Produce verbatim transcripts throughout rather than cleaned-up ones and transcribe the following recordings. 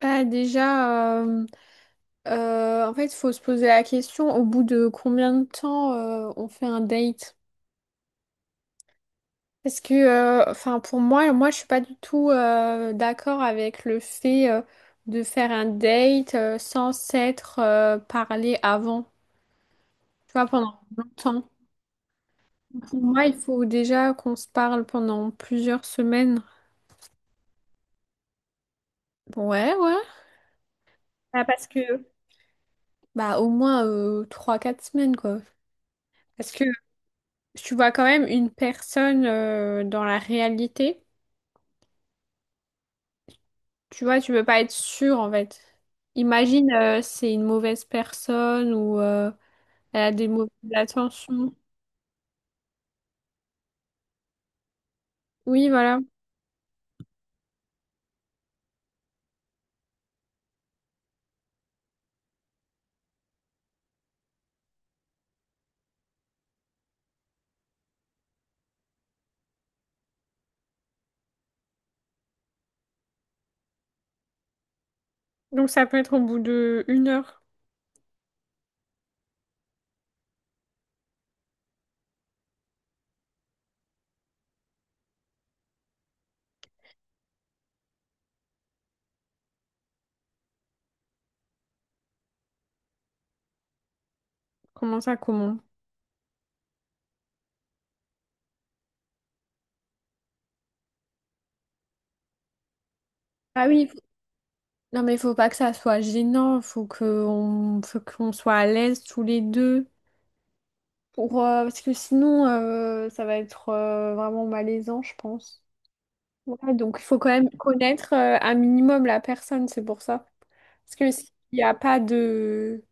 Bah déjà, euh, euh, en fait, il faut se poser la question au bout de combien de temps euh, on fait un date? Parce que, euh, enfin, pour moi, moi, je suis pas du tout euh, d'accord avec le fait euh, de faire un date euh, sans s'être euh, parlé avant, tu vois, pendant longtemps. Pour moi, il faut déjà qu'on se parle pendant plusieurs semaines. Ouais, ouais. Bah, parce que... Bah, au moins euh, trois quatre semaines, quoi. Parce que tu vois quand même une personne euh, dans la réalité. Tu vois, tu peux pas être sûr en fait. Imagine, euh, c'est une mauvaise personne ou euh, elle a des mauvaises attentions. Oui, voilà. Donc ça peut être au bout de une heure. Comment ça, comment? Ah oui, faut- non mais faut pas que ça soit gênant. Faut qu'on faut qu'on soit à l'aise tous les deux. Pour, euh, parce que sinon, euh, ça va être euh, vraiment malaisant, je pense. Ouais, donc il faut quand même connaître euh, un minimum la personne, c'est pour ça. Parce que s'il n'y a pas de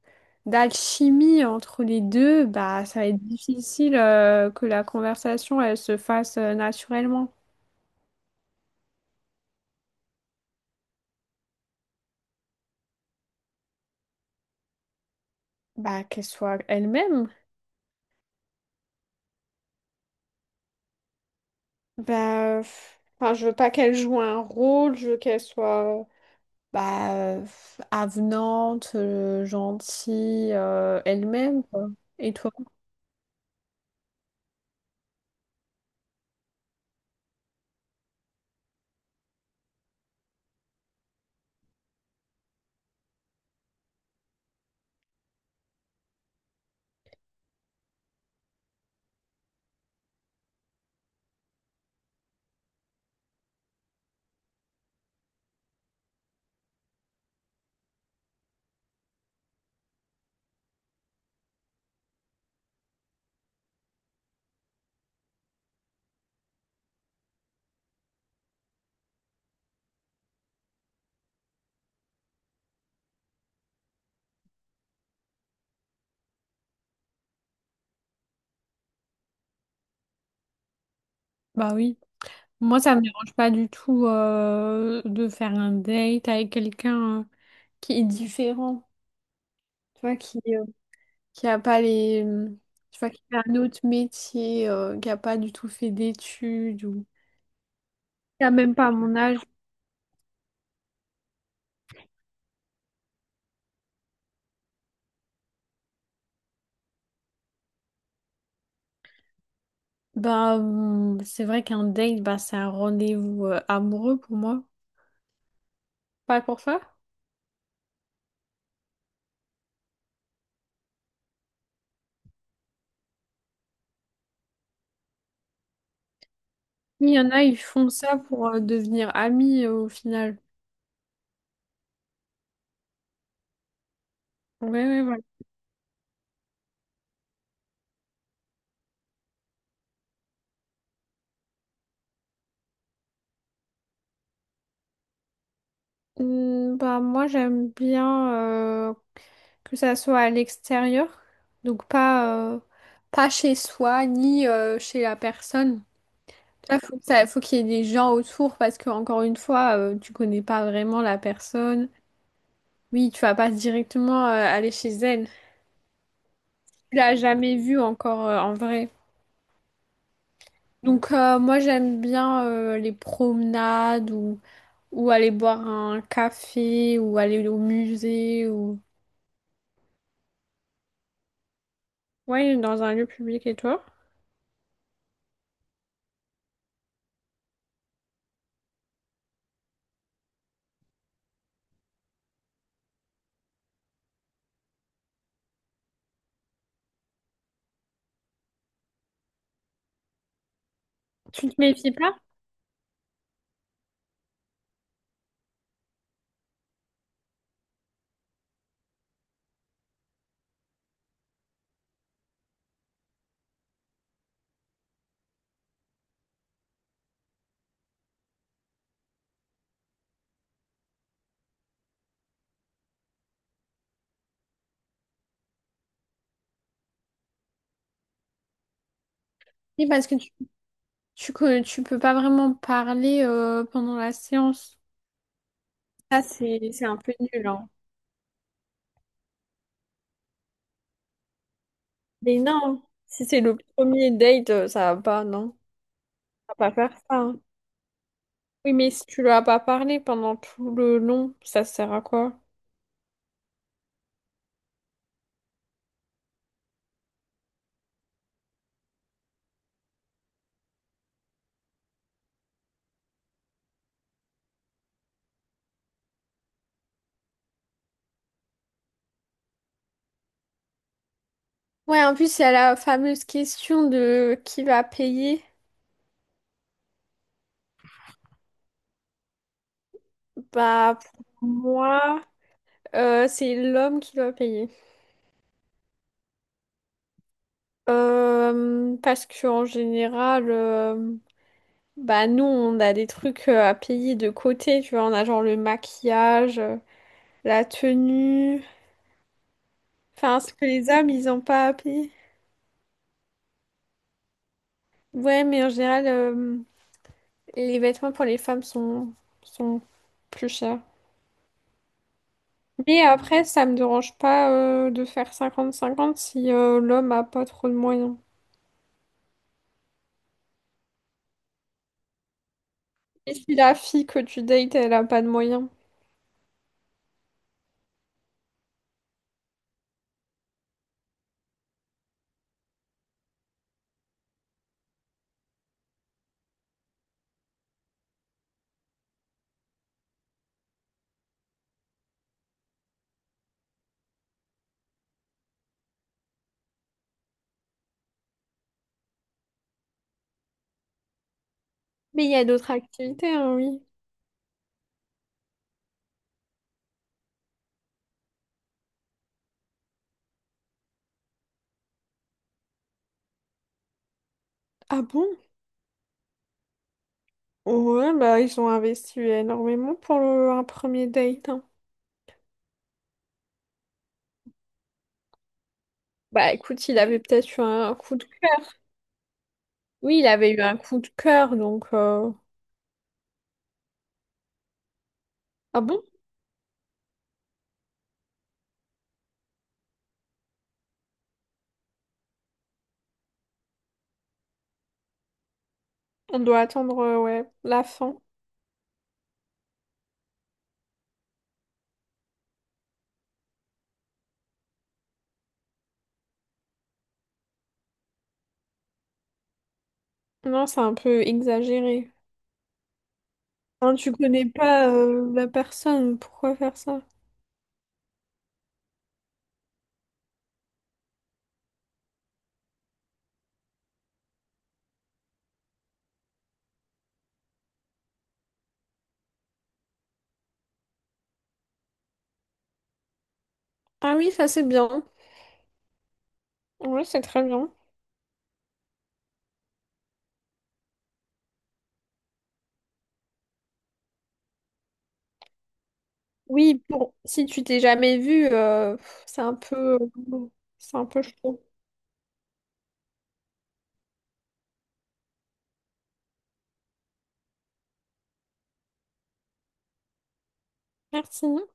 d'alchimie entre les deux, bah ça va être difficile euh, que la conversation elle se fasse euh, naturellement. Bah qu'elle soit elle-même. Bah euh, enfin, je veux pas qu'elle joue un rôle, je veux qu'elle soit euh, bah euh, avenante, euh, gentille euh, elle-même quoi. Et toi? Bah oui. Moi, ça me dérange pas du tout euh, de faire un date avec quelqu'un euh, qui est différent, tu vois, qui euh, qui a pas les, hum, tu vois, qui fait un autre métier, euh, qui a pas du tout fait d'études ou qui a même pas mon âge. Bah, hum, c'est vrai qu'un date, bah, c'est un rendez-vous euh, amoureux pour moi, pas pour ça. Oui, il y en a, ils font ça pour euh, devenir amis euh, au final. Ouais, ouais, voilà. Hmm, bah, moi, j'aime bien euh, que ça soit à l'extérieur, donc pas, euh, pas chez soi ni euh, chez la personne. Ça, faut que ça, faut qu'il y ait des gens autour parce que, encore une fois, euh, tu connais pas vraiment la personne. Oui, tu vas pas directement euh, aller chez elle. Tu l'as jamais vue encore euh, en vrai. Donc, euh, moi, j'aime bien euh, les promenades ou, ou aller boire un café ou aller au musée ou. Ouais, dans un lieu public et toi? Tu te méfies pas? Oui, parce que tu, tu, co- tu peux pas vraiment parler euh, pendant la séance. Ça, c'est, c'est un peu nul, hein. Mais non, si c'est le premier date, euh, ça va pas, non? Ça va pas faire ça, hein. Oui, mais si tu lui as pas parlé pendant tout le long, ça sert à quoi? Ouais, en plus, il y a la fameuse question de qui va payer. Bah, pour moi, euh, c'est l'homme qui doit payer. Euh, parce qu'en général, euh, Bah nous on a des trucs euh, à payer de côté, tu vois, on a genre le maquillage, euh, la tenue, enfin ce que les hommes ils ont pas à payer. Ouais mais en général euh, les vêtements pour les femmes sont, sont plus chers. Mais après ça me dérange pas euh, de faire cinquante cinquante si euh, l'homme a pas trop de moyens. Et si la fille que tu dates elle a pas de moyens. Mais il y a d'autres activités, hein, oui. Ah bon? Ouais, bah ils ont investi énormément pour le, un premier date, hein. Bah écoute, il avait peut-être eu un coup de cœur. Oui, il avait eu un coup de cœur, donc... euh, Ah bon? On doit attendre, euh, ouais, la fin. Non, c'est un peu exagéré. Hein, tu connais pas euh, la personne, pourquoi faire ça? Ah oui, ça c'est bien. Oui, c'est très bien. Oui, bon, si tu t'es jamais vu, euh, pff, c'est un peu... euh, C'est un peu chaud. Merci.